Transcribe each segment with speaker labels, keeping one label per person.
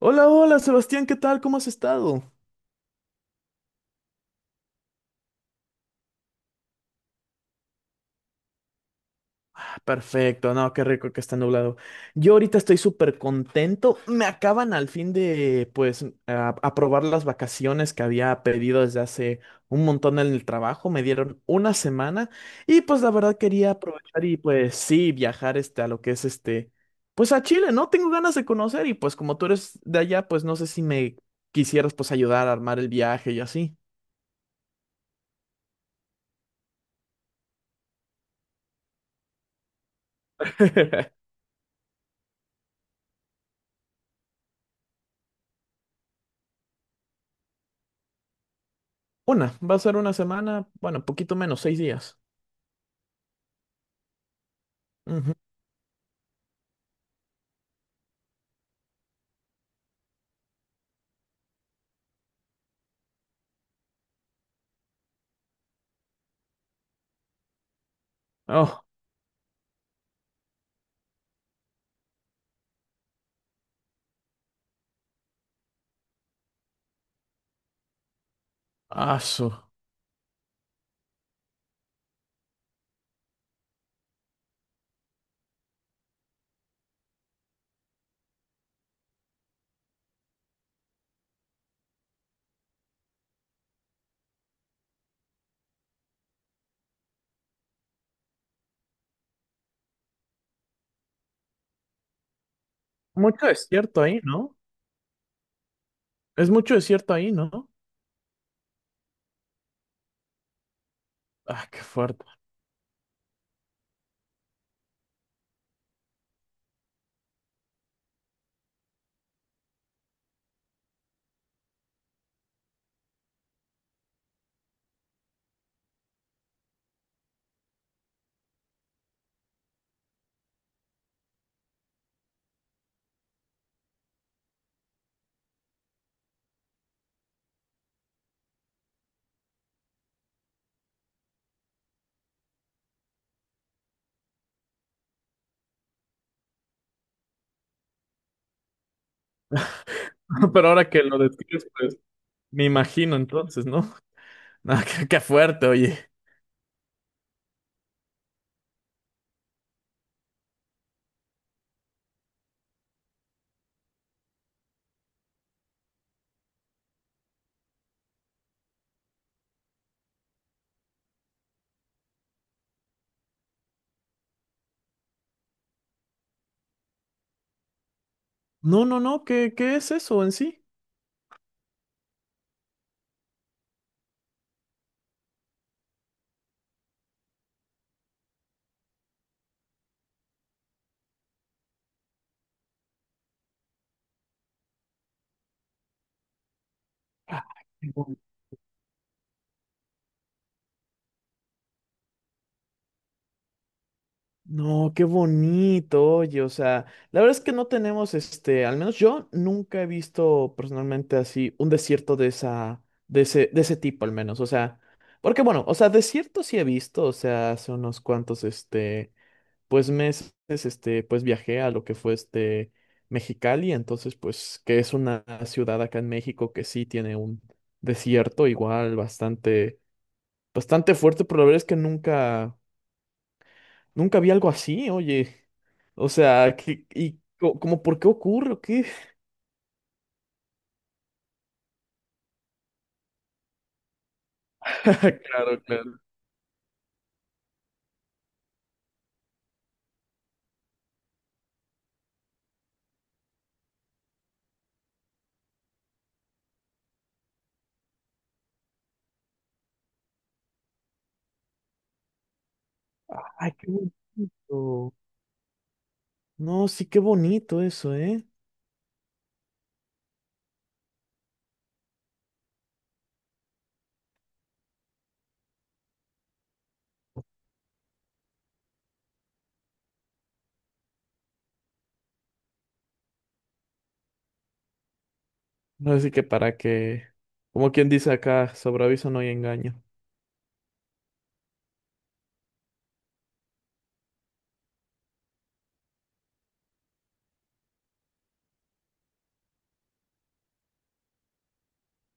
Speaker 1: Hola, hola, Sebastián, ¿qué tal? ¿Cómo has estado? Ah, perfecto, no, qué rico que está nublado. Yo ahorita estoy súper contento. Me acaban al fin de, pues, aprobar las vacaciones que había pedido desde hace un montón en el trabajo. Me dieron una semana y, pues, la verdad quería aprovechar y, pues, sí, viajar, este, a lo que es, este, pues, a Chile, ¿no? Tengo ganas de conocer y, pues, como tú eres de allá, pues, no sé si me quisieras, pues, ayudar a armar el viaje y así. Una, va a ser una semana, bueno, poquito menos, 6 días. Ujú. Oh, asu. Mucho desierto ahí, ¿no? Es mucho desierto ahí, ¿no? Ah, qué fuerte. Pero ahora que lo describes, pues me imagino entonces, ¿no? Ah, qué, qué fuerte, oye. No, no, no, ¿qué, qué es eso en sí? Ah, no, qué bonito, oye, o sea, la verdad es que no tenemos, este, al menos yo nunca he visto personalmente así un desierto de esa, de ese tipo al menos, o sea, porque bueno, o sea, desierto sí he visto, o sea, hace unos cuantos, este, pues meses, este, pues viajé a lo que fue este Mexicali, entonces, pues, que es una ciudad acá en México que sí tiene un desierto igual bastante, bastante fuerte, pero la verdad es que nunca nunca vi algo así, oye. O sea, ¿y como por qué ocurre o qué? Claro, claro. Ay, qué bonito. No, sí, qué bonito eso, ¿eh? No, así que para que, como quien dice acá, sobre aviso no hay engaño.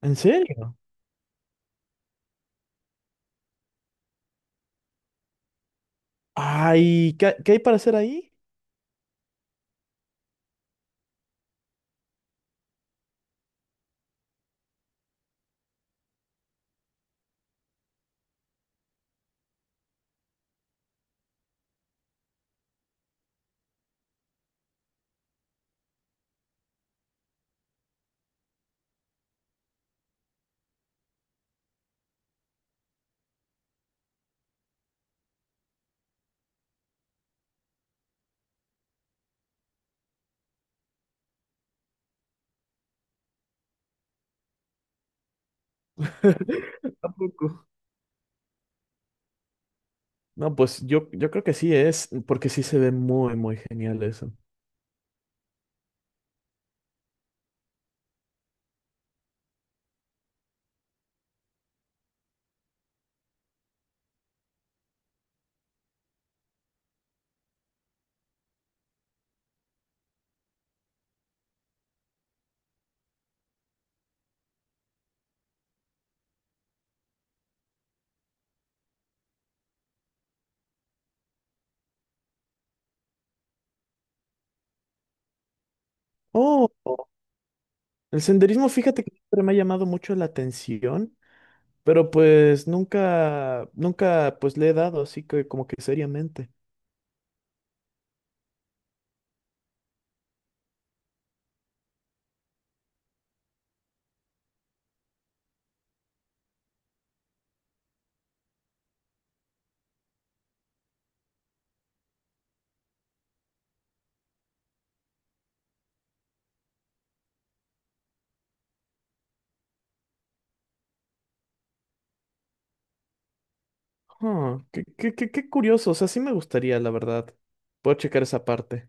Speaker 1: ¿En serio? Ay, ¿qué, qué hay para hacer ahí? Tampoco. No, pues yo creo que sí es, porque sí se ve muy, muy genial eso. Oh, el senderismo, fíjate que siempre me ha llamado mucho la atención. Pero pues nunca, nunca pues le he dado así que como que seriamente. Ah, qué, qué, qué, qué curioso, o sea, sí me gustaría, la verdad. Puedo checar esa parte.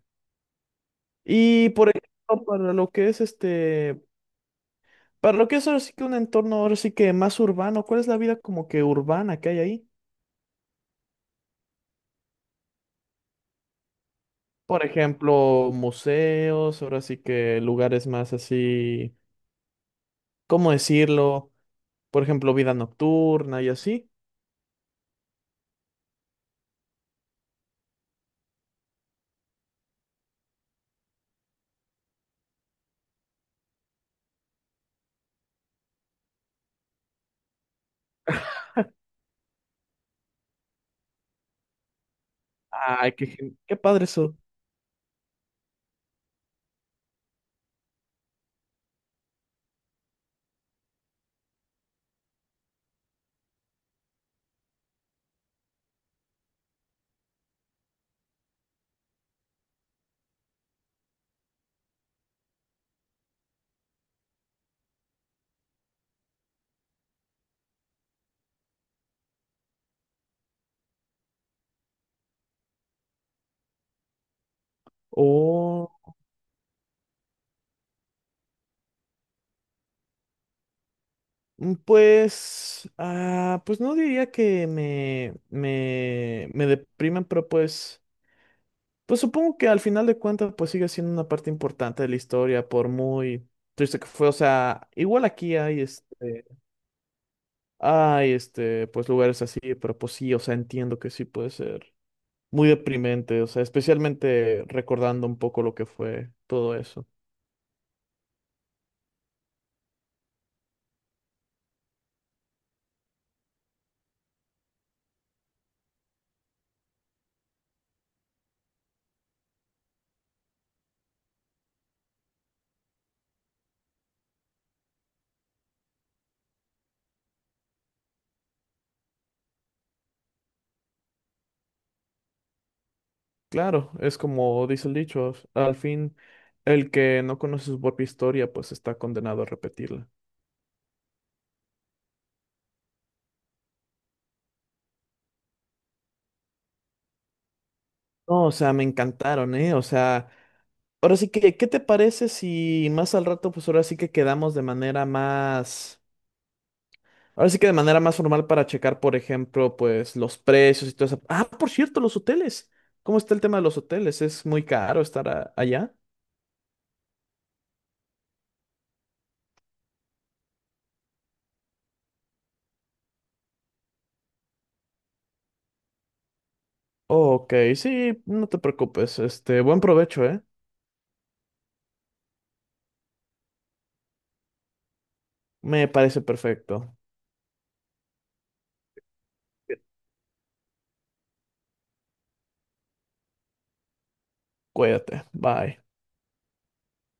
Speaker 1: Y por ejemplo, para lo que es este, para lo que es ahora sí que un entorno ahora sí que más urbano, ¿cuál es la vida como que urbana que hay ahí? Por ejemplo, museos, ahora sí que lugares más así, ¿cómo decirlo? Por ejemplo, vida nocturna y así. Ay, qué, qué padre eso. Pues, ah, pues no diría que me deprimen, pero pues, pues supongo que al final de cuentas, pues sigue siendo una parte importante de la historia, por muy triste que fue. O sea, igual aquí hay este, pues lugares así, pero pues sí, o sea, entiendo que sí puede ser muy deprimente, o sea, especialmente recordando un poco lo que fue todo eso. Claro, es como dice el dicho, al fin el que no conoce su propia historia, pues está condenado a repetirla. No, o sea, me encantaron, ¿eh? O sea, ahora sí que, ¿qué te parece si más al rato, pues ahora sí que quedamos de manera más, ahora sí que de manera más formal para checar, por ejemplo, pues los precios y todo eso. Ah, por cierto, los hoteles. ¿Cómo está el tema de los hoteles? ¿Es muy caro estar allá? Ok, sí, no te preocupes. Este, buen provecho, ¿eh? Me parece perfecto. Cuídate. Bye.